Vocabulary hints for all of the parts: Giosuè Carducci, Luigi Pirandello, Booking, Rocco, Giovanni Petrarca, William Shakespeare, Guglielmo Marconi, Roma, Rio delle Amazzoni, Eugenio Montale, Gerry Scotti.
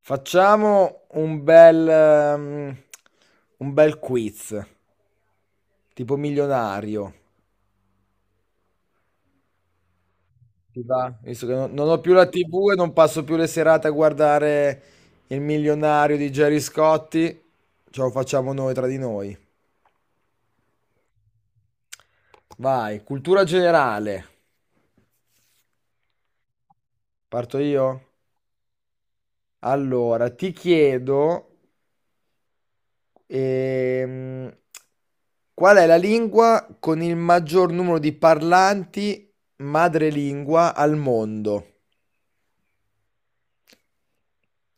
Facciamo un bel quiz, tipo milionario. Ti va? Visto che non ho più la TV e non passo più le serate a guardare Il milionario di Gerry Scotti, ce lo facciamo noi tra di noi. Vai, cultura generale. Parto io? Allora, ti chiedo Ehm, qual è la lingua con il maggior numero di parlanti madrelingua al mondo?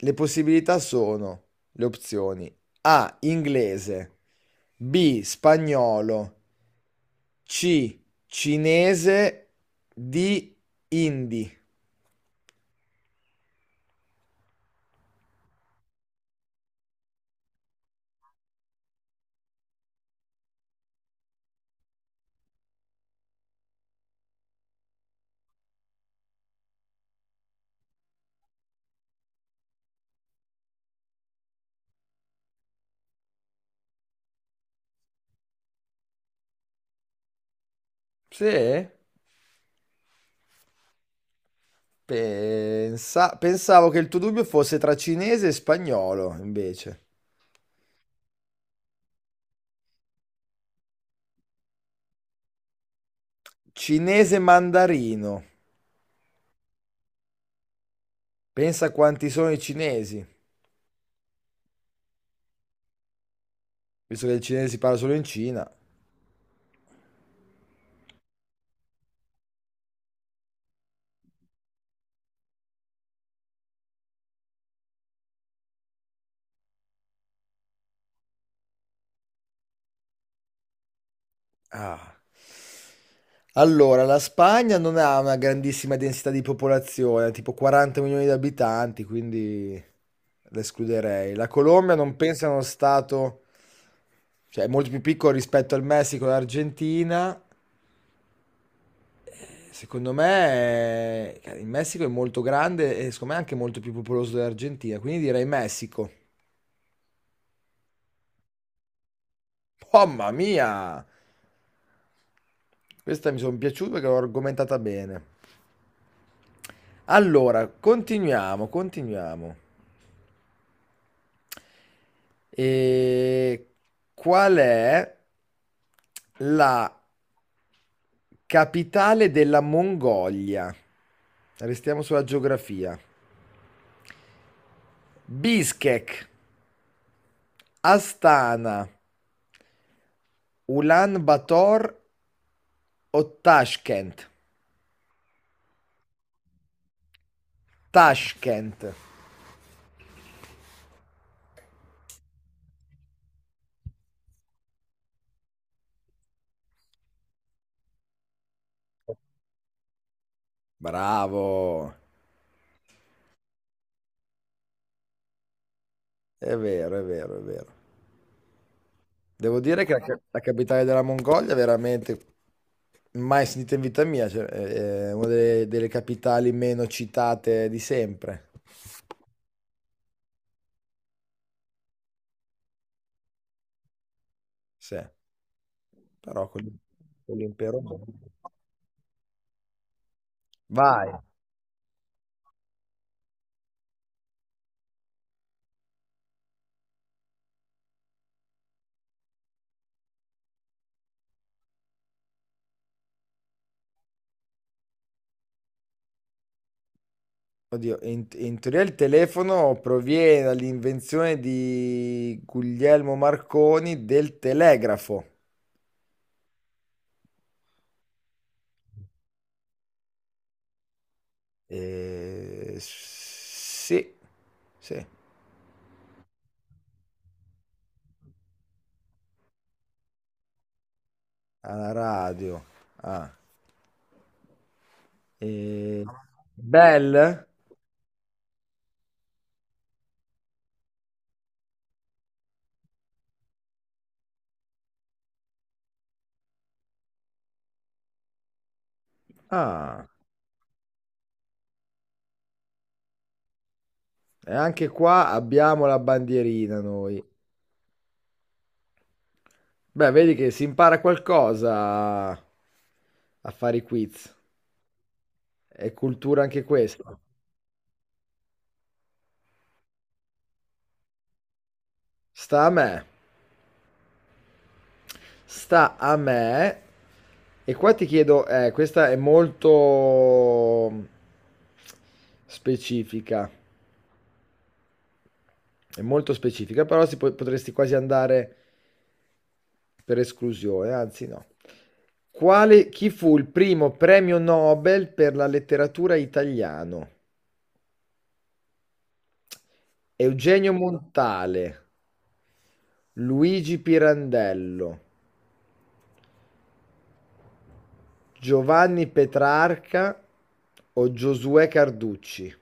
Le possibilità sono le opzioni A, inglese, B, spagnolo, C, cinese, D, hindi. Sì, pensavo che il tuo dubbio fosse tra cinese e spagnolo, invece. Cinese mandarino. Pensa quanti sono i cinesi, visto che il cinese si parla solo in Cina. Ah. Allora, la Spagna non ha una grandissima densità di popolazione, tipo 40 milioni di abitanti, quindi l'escluderei. La Colombia non penso sia uno stato, cioè è molto più piccolo rispetto al Messico e all'Argentina. Secondo me il Messico è molto grande e secondo me è anche molto più popoloso dell'Argentina, quindi direi Messico. Mamma mia! Questa mi sono piaciuta perché l'ho argomentata bene. Allora, continuiamo. E qual è la capitale della Mongolia? Restiamo sulla geografia. Bishkek, Astana, Ulan Bator o Tashkent? Tashkent. Bravo. È vero. Devo dire che la capitale della Mongolia è veramente mai sentita in vita mia, cioè, è una delle capitali meno citate di sempre. Sì, però con l'impero. No. Vai. Oddio, in teoria il telefono proviene dall'invenzione di Guglielmo Marconi del telegrafo. Eh, sì, sì. Alla radio. Ah. E... Bell? Ah. E anche qua abbiamo la bandierina noi. Beh, vedi che si impara qualcosa a fare i quiz. È cultura anche questa. Sta a me. Sta a me. E qua ti chiedo, questa è molto specifica. È molto specifica, però potresti quasi andare per esclusione, anzi no. Quale, chi fu il primo premio Nobel per la letteratura italiano? Eugenio Montale, Luigi Pirandello, Giovanni Petrarca o Giosuè Carducci?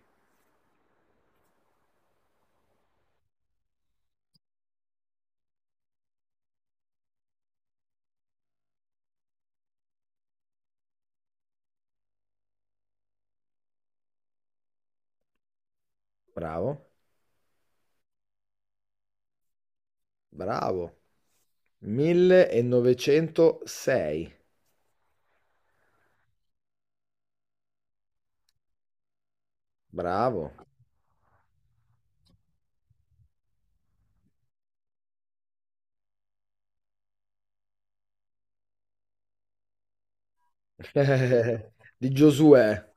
Bravo, bravo. 1906, bravo. Di Giosuè.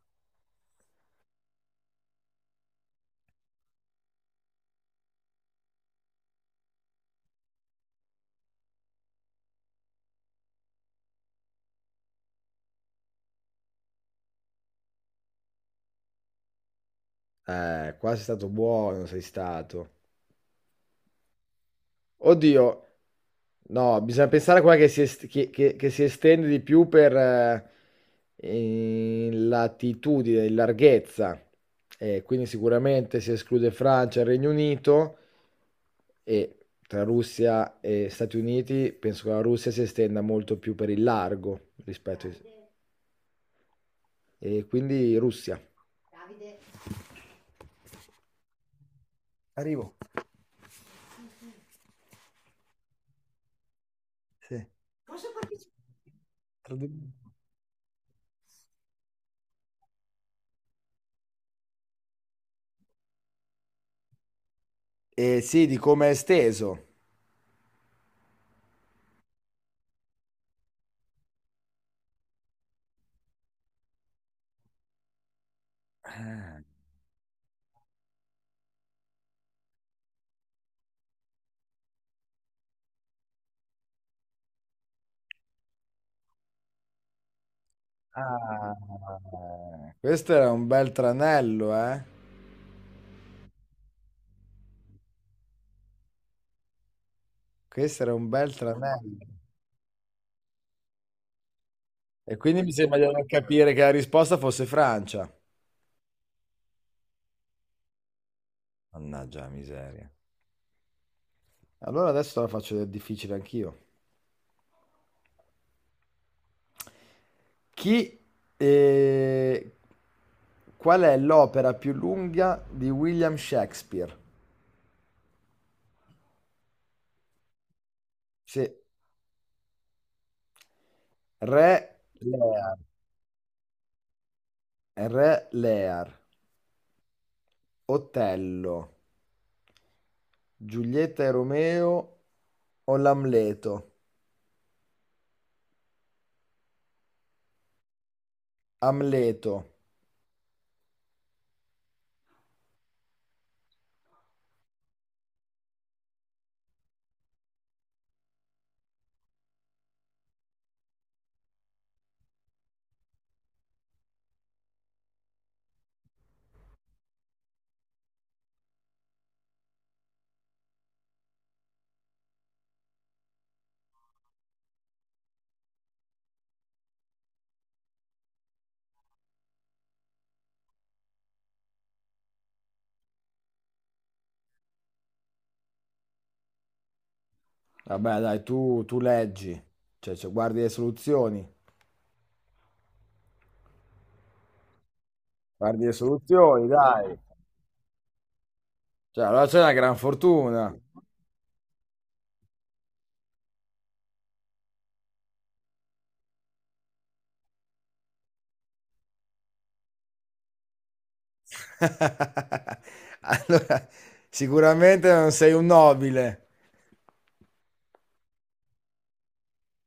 Qua sei stato buono, sei stato. Oddio, no, bisogna pensare a quella che che si estende di più per in latitudine, in larghezza. Quindi sicuramente si esclude Francia e Regno Unito e tra Russia e Stati Uniti penso che la Russia si estenda molto più per il largo rispetto ai... E quindi Russia. Arrivo. Sì. Sì, di come è esteso. Ah, questo era un bel tranello, eh? Questo era un bel tranello. E quindi mi sembra di non capire che la risposta fosse Francia. Mannaggia la miseria. Allora adesso te la faccio del difficile anch'io. Chi... eh, qual è l'opera più lunga di William Shakespeare? Sì, Re Lear. Re Lear. Otello, Giulietta e Romeo o l'Amleto? Amleto. Vabbè, dai, tu leggi, guardi le soluzioni, dai. Cioè, allora c'è una gran fortuna. Allora, sicuramente non sei un nobile.